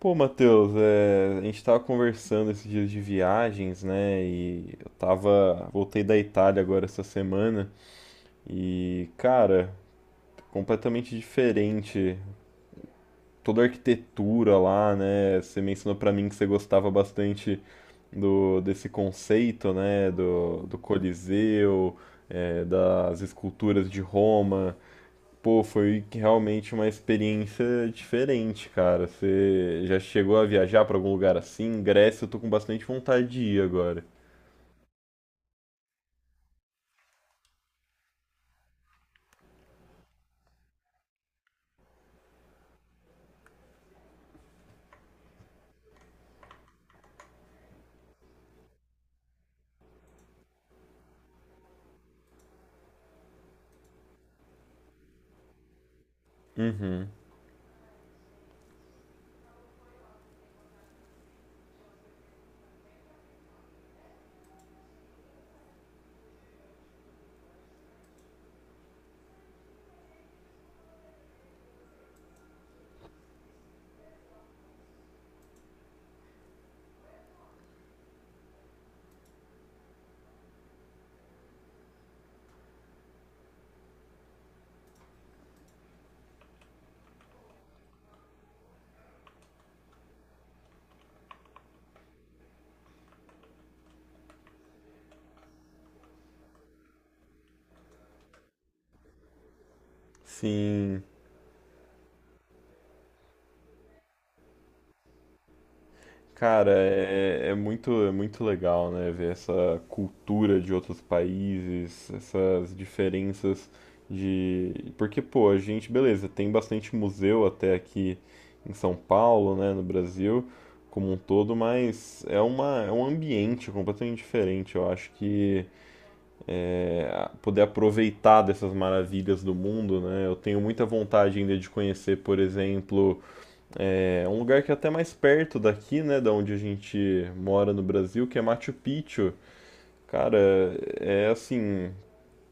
Pô, Matheus, a gente tava conversando esses dias de viagens, né? E eu tava. Voltei da Itália agora essa semana e, cara, completamente diferente. Toda a arquitetura lá, né? Você mencionou pra mim que você gostava bastante do desse conceito, né? Do Coliseu, das esculturas de Roma. Pô, foi que realmente uma experiência diferente, cara. Você já chegou a viajar pra algum lugar assim? Grécia, eu tô com bastante vontade de ir agora. Uhum. Sim, cara, é muito legal, né? Ver essa cultura de outros países, essas diferenças de. Porque, pô, a gente, beleza, tem bastante museu até aqui em São Paulo, né? No Brasil como um todo, mas é um ambiente completamente diferente. Eu acho que poder aproveitar dessas maravilhas do mundo, né? Eu tenho muita vontade ainda de conhecer, por exemplo, um lugar que é até mais perto daqui, né, da onde a gente mora no Brasil, que é Machu Picchu. Cara, é assim,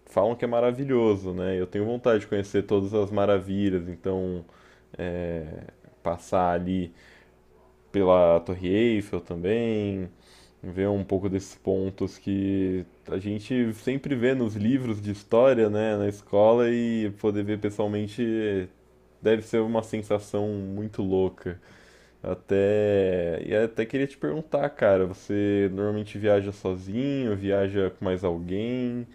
falam que é maravilhoso, né? Eu tenho vontade de conhecer todas as maravilhas, então é, passar ali pela Torre Eiffel também, ver um pouco desses pontos que a gente sempre vê nos livros de história, né, na escola, e poder ver pessoalmente deve ser uma sensação muito louca. Até queria te perguntar, cara, você normalmente viaja sozinho, viaja com mais alguém?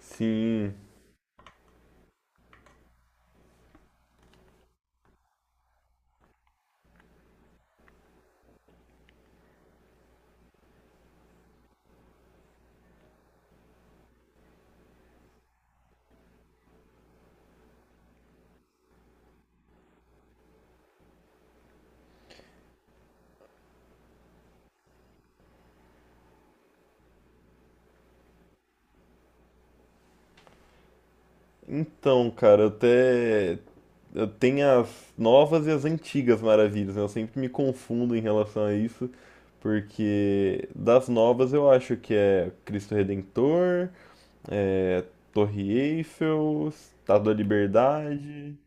Sim. Então, cara, eu tenho as novas e as antigas maravilhas, né? Eu sempre me confundo em relação a isso, porque das novas eu acho que é Cristo Redentor, é Torre Eiffel, Estátua da Liberdade,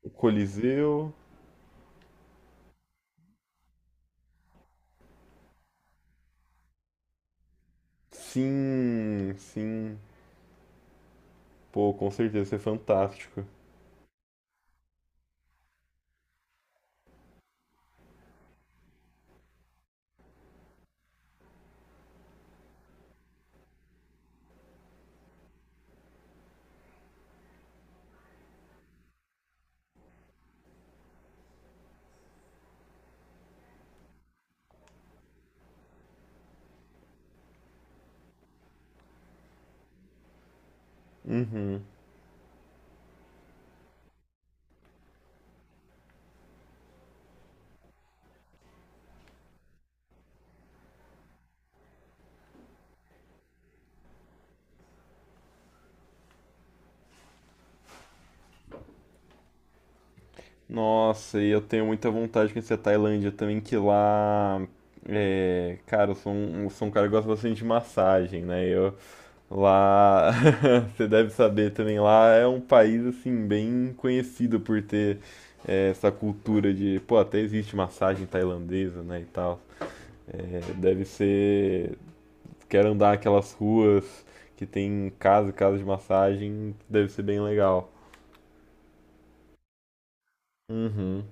o Coliseu. Sim, sim. Pô, com certeza, isso fantástico. Uhum. Nossa, e eu tenho muita vontade de conhecer a Tailândia também, que lá, cara, eu sou um cara que gosta bastante de massagem, né? Eu lá, você deve saber também, lá é um país assim bem conhecido por ter essa cultura de, pô, até existe massagem tailandesa, né, e tal. É, deve ser, quero andar aquelas ruas que tem casa de massagem, deve ser bem legal. Uhum.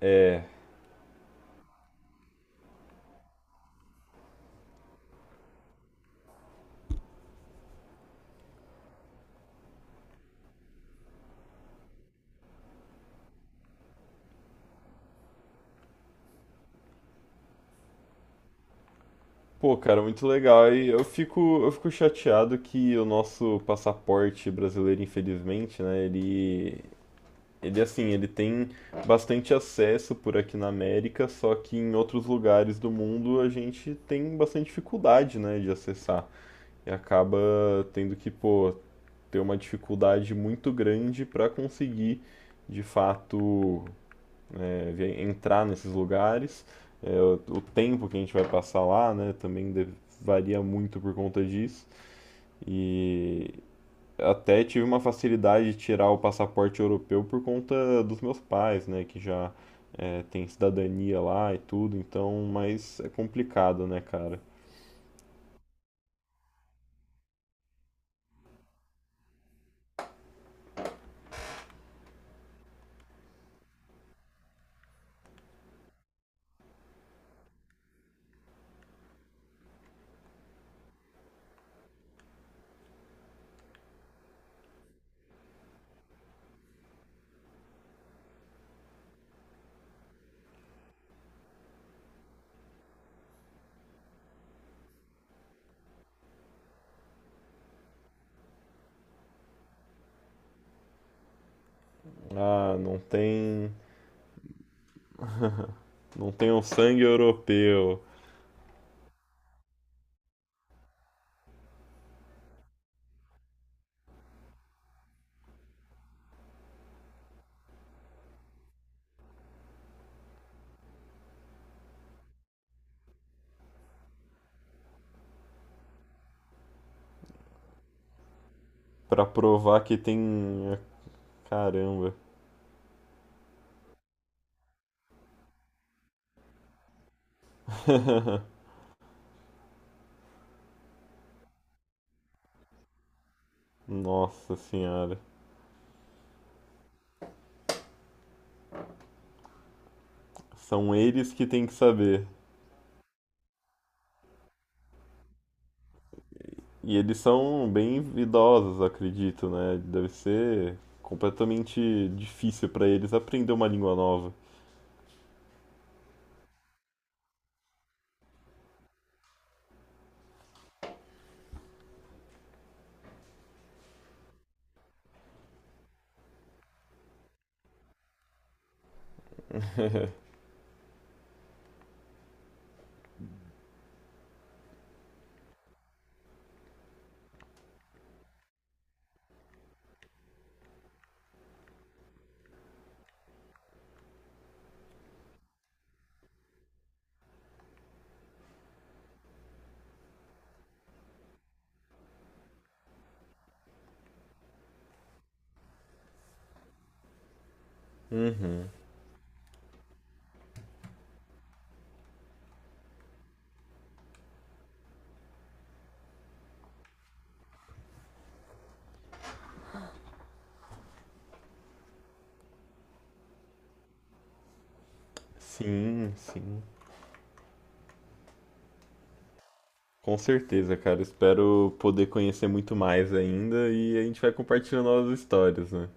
É, Pô, cara, muito legal. E eu fico chateado que o nosso passaporte brasileiro, infelizmente, né, ele tem bastante acesso por aqui na América, só que em outros lugares do mundo a gente tem bastante dificuldade, né, de acessar. E acaba tendo que, pô, ter uma dificuldade muito grande para conseguir, de fato, entrar nesses lugares. É, o tempo que a gente vai passar lá, né, também varia muito por conta disso. E até tive uma facilidade de tirar o passaporte europeu por conta dos meus pais, né, que já têm cidadania lá e tudo. Então, mas é complicado, né, cara? Ah, não tem o sangue europeu pra provar que tem. Caramba, nossa senhora. São eles que têm que saber. E eles são bem idosos, acredito, né? Deve ser completamente difícil para eles aprender uma língua nova. Sim, sim. Com certeza, cara. Espero poder conhecer muito mais ainda e a gente vai compartilhando novas histórias, né?